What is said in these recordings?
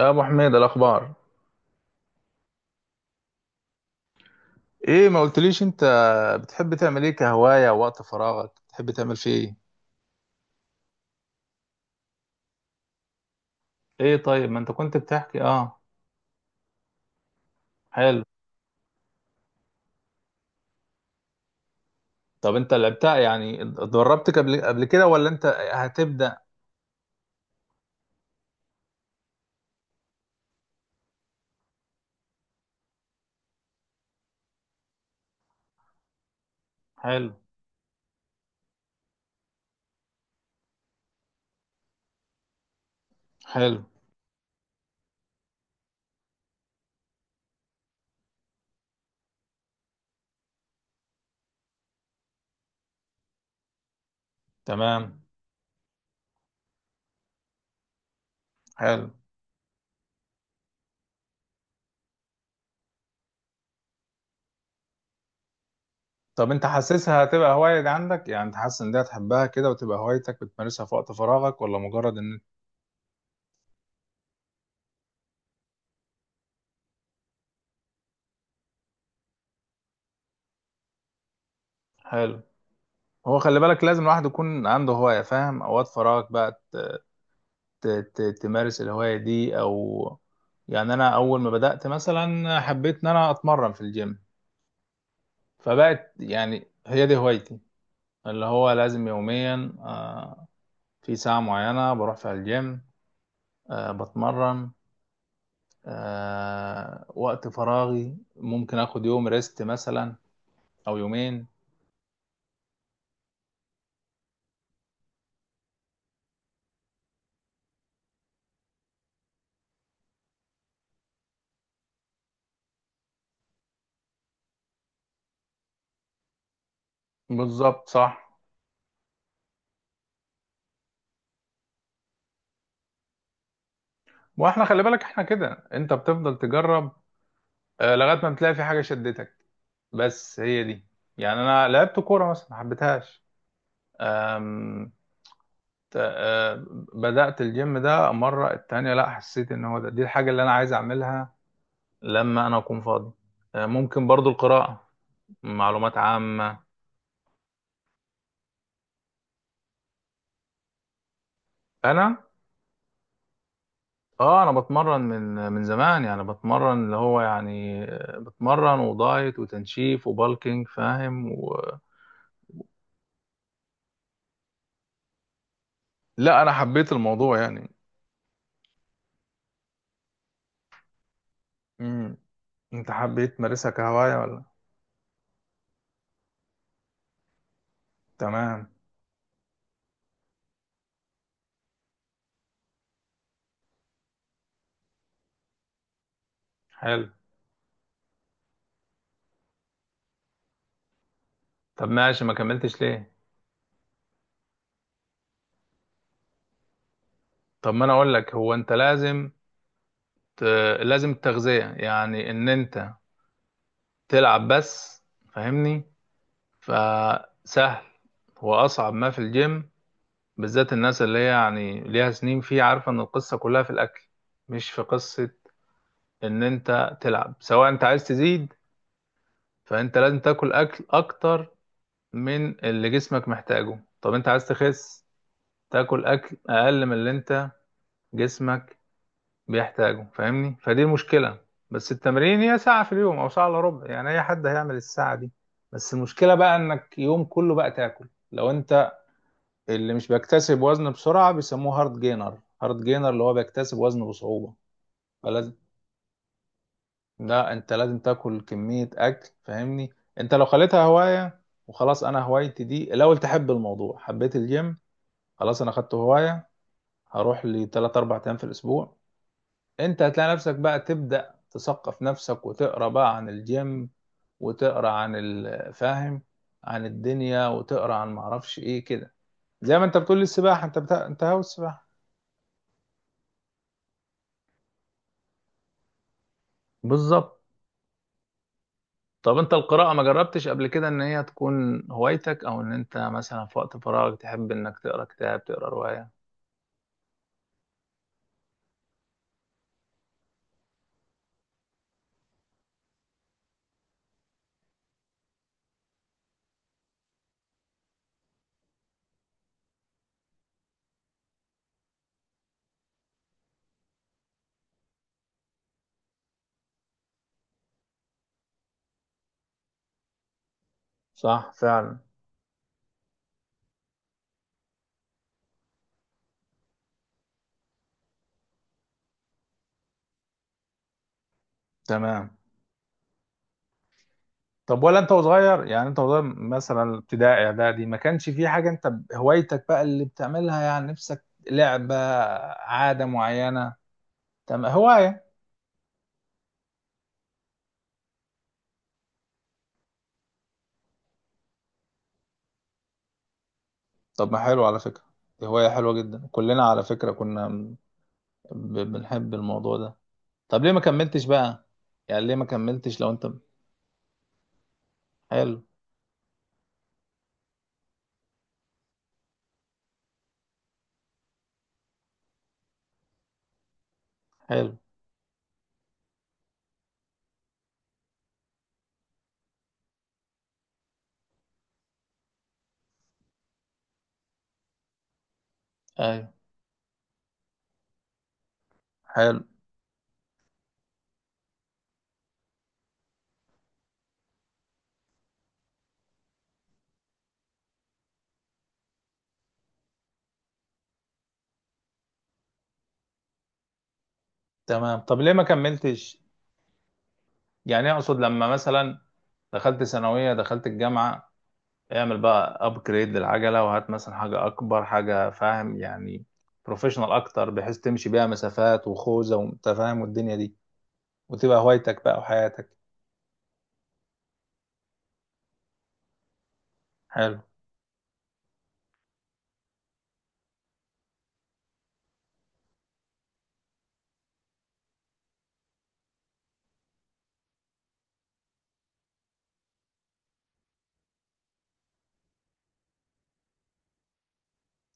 يا ابو حميد، الاخبار ايه؟ ما قلتليش انت بتحب تعمل ايه كهواية؟ وقت فراغك بتحب تعمل فيه ايه؟ ايه، طيب ما انت كنت بتحكي. اه. حلو. طب انت لعبتها يعني، اتدربت قبل كده ولا انت هتبدأ؟ حلو. حلو. تمام. حلو. طب انت حاسسها هتبقى هواية عندك؟ يعني انت حاسس ان دي هتحبها كده وتبقى هوايتك بتمارسها في وقت فراغك، ولا مجرد ان. حلو. هو خلي بالك لازم الواحد يكون عنده هواية، فاهم؟ أوقات فراغك بقى ت- تمارس الهواية دي او. يعني انا اول ما بدأت مثلا حبيت ان انا اتمرن في الجيم، فبقت يعني هي دي هوايتي، اللي هو لازم يوميا في ساعة معينة بروح فيها الجيم، بتمرن، وقت فراغي ممكن اخد يوم ريست مثلا او يومين. بالظبط، صح. واحنا خلي بالك احنا كده، انت بتفضل تجرب لغاية ما بتلاقي في حاجة شدتك، بس هي دي. يعني انا لعبت كورة مثلا ما حبيتهاش، أم- ت- آه، بدأت الجيم ده مرة التانية، لا حسيت ان هو ده دي الحاجة اللي انا عايز اعملها لما انا اكون فاضي، ممكن برضو القراءة، معلومات عامة، انا. اه، انا بتمرن من زمان يعني، بتمرن اللي هو يعني، بتمرن ودايت وتنشيف وبالكينج فاهم لا، انا حبيت الموضوع يعني. مم. انت حبيت تمارسها كهواية ولا؟ تمام. حلو. طب ماشي، ما كملتش ليه؟ طب ما انا اقول لك، هو انت لازم، لازم التغذية، يعني ان انت تلعب بس، فاهمني؟ فسهل. هو اصعب ما في الجيم، بالذات الناس اللي هي يعني ليها سنين فيه، عارفة ان القصة كلها في الاكل، مش في قصة ان انت تلعب. سواء انت عايز تزيد فانت لازم تاكل اكل اكتر من اللي جسمك محتاجه، طب انت عايز تخس تاكل اكل اقل من اللي انت جسمك بيحتاجوا، فاهمني؟ فدي المشكلة. بس التمرين هي ساعة في اليوم أو ساعة إلا ربع، يعني أي حد هيعمل الساعة دي. بس المشكلة بقى إنك يوم كله بقى تاكل. لو أنت اللي مش بيكتسب وزن بسرعة بيسموه هارد جينر، هارد جينر اللي هو بيكتسب وزن بصعوبة، فلازم. لا، أنت لازم تاكل كمية أكل، فاهمني؟ أنت لو خليتها هواية وخلاص، أنا هوايتي دي الأول، تحب الموضوع، حبيت الجيم، خلاص أنا خدته هواية، هروح لي 3 4 أيام في الأسبوع. انت هتلاقي نفسك بقى تبدأ تثقف نفسك وتقرا بقى عن الجيم، وتقرا عن الفاهم، عن الدنيا، وتقرا عن معرفش ايه كده. زي ما انت بتقول لي السباحة، انت انت هاوي السباحة. بالظبط. طب انت القراءة ما جربتش قبل كده ان هي تكون هوايتك، او ان انت مثلا في وقت فراغك تحب انك تقرا كتاب تقرا رواية؟ صح، فعلا. تمام. طب ولا انت وصغير؟ يعني انت وصغير مثلا ابتدائي اعدادي ما كانش في حاجه انت هوايتك بقى اللي بتعملها، يعني نفسك، لعبه، عاده معينه، تم هوايه. طب ما حلو على فكره، دي هوايه حلوه جدا، كلنا على فكره كنا بنحب الموضوع ده. طب ليه ما كملتش بقى؟ يعني ليه ما كملتش لو انت. حلو. حلو. ايوه. حلو. تمام. طب ليه ما كملتش؟ يعني اقصد لما مثلا دخلت ثانويه، دخلت الجامعه، اعمل بقى ابجريد للعجله، وهات مثلا حاجه اكبر، حاجه فاهم يعني، بروفيشنال اكتر، بحيث تمشي بيها مسافات وخوذه وانت فاهم والدنيا دي، وتبقى هوايتك بقى وحياتك. حلو.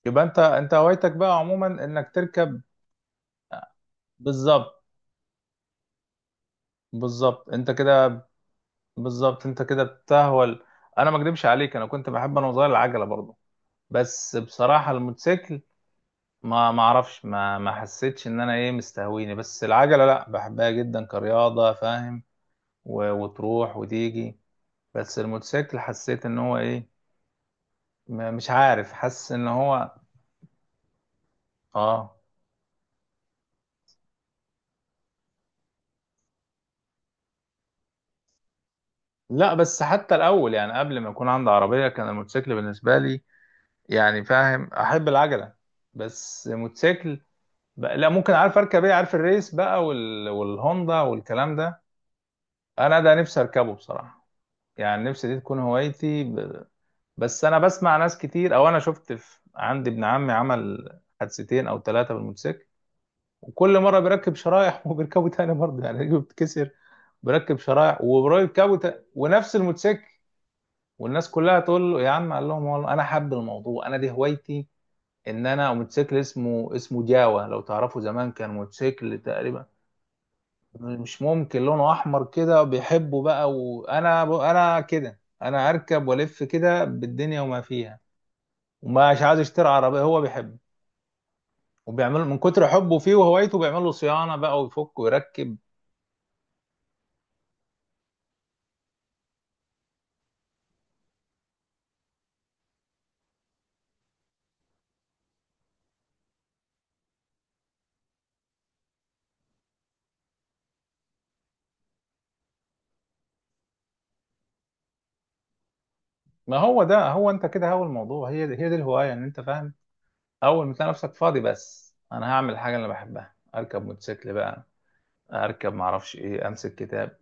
يبقى انت هوايتك بقى عموما انك تركب. بالظبط. بالظبط انت كده. بالظبط انت كده بتهول. انا ما اكدبش عليك، انا كنت بحب انا صغير العجله برضه، بس بصراحه الموتوسيكل ما اعرفش، ما حسيتش ان انا ايه مستهويني، بس العجله لا، بحبها جدا كرياضه، فاهم؟ وتروح وتيجي. بس الموتوسيكل حسيت ان هو ايه، مش عارف، حاسس ان هو. اه. لا بس حتى الاول، يعني قبل ما يكون عندي عربية كان الموتوسيكل بالنسبة لي يعني فاهم، احب العجلة، بس موتوسيكل بقى لا، ممكن عارف اركب ايه، عارف الريس بقى والهوندا والكلام ده. انا ده نفسي اركبه بصراحة، يعني نفسي دي تكون هوايتي بس انا بسمع ناس كتير، او انا شفت عندي ابن عمي عمل حادثتين او ثلاثة بالموتوسيكل، وكل مره بيركب شرايح وبيركبه تاني برضه، يعني رجله بتتكسر، بيركب شرايح وبيركبه تاني ونفس الموتوسيكل. والناس كلها تقول له يا عم، قال لهم والله انا حب الموضوع، انا دي هوايتي. ان انا موتوسيكل اسمه جاوا، لو تعرفوا زمان كان موتوسيكل تقريبا مش ممكن، لونه احمر كده، بيحبه بقى. وانا كده، انا اركب والف كده بالدنيا وما فيها، ومش عايز يشتري عربيه، هو بيحبه، وبيعمل من كتر حبه فيه وهوايته بيعمل له صيانه بقى ويفك ويركب. ما هو ده، هو انت كده هو الموضوع، هي دي الهوايه، ان انت فاهم، اول ما تلاقي نفسك فاضي بس انا هعمل الحاجه اللي بحبها، اركب موتوسيكل بقى، اركب معرفش ايه، امسك كتاب.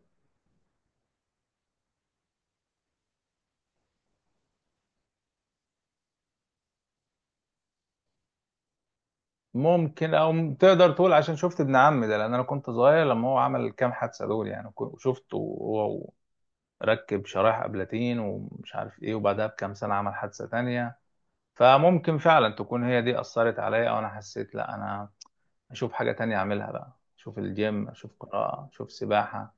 ممكن او تقدر تقول عشان شفت ابن عمي ده، لان انا كنت صغير لما هو عمل الكام حادثه دول، يعني وشفته وهو ركب شرايح ابلاتين ومش عارف ايه، وبعدها بكام سنه عمل حادثه تانية، فممكن فعلا تكون هي دي اثرت عليا، او انا حسيت لا، انا اشوف حاجه تانية اعملها بقى، اشوف الجيم، اشوف قراءه، اشوف سباحه.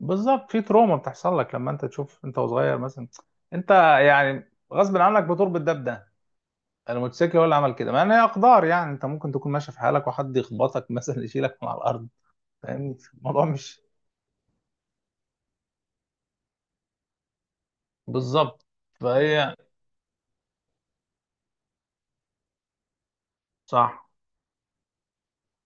بالظبط، في تروما بتحصل لك لما انت تشوف انت وصغير مثلا، انت يعني غصب عنك بتربط ده بده، الموتوسيكل هو اللي عمل كده، مع ان هي اقدار. يعني انت ممكن تكون ماشي في حالك وحد يخبطك مثلا يشيلك من على الارض، فاهمني؟ الموضوع مش بالظبط. فهي، صح،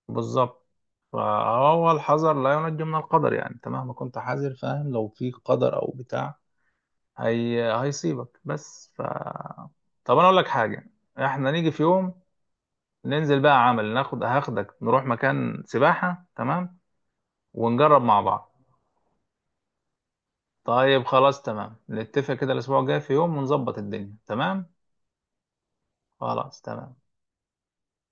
بالظبط. فهو الحذر لا ينجي من القدر، يعني انت مهما كنت حذر فاهم لو في قدر او بتاع هي هيصيبك، بس طب انا اقول لك حاجه، احنا نيجي في يوم ننزل بقى عمل، هاخدك نروح مكان سباحة، تمام؟ ونجرب مع بعض. طيب خلاص تمام، نتفق كده الأسبوع الجاي في يوم ونظبط الدنيا. تمام. خلاص تمام.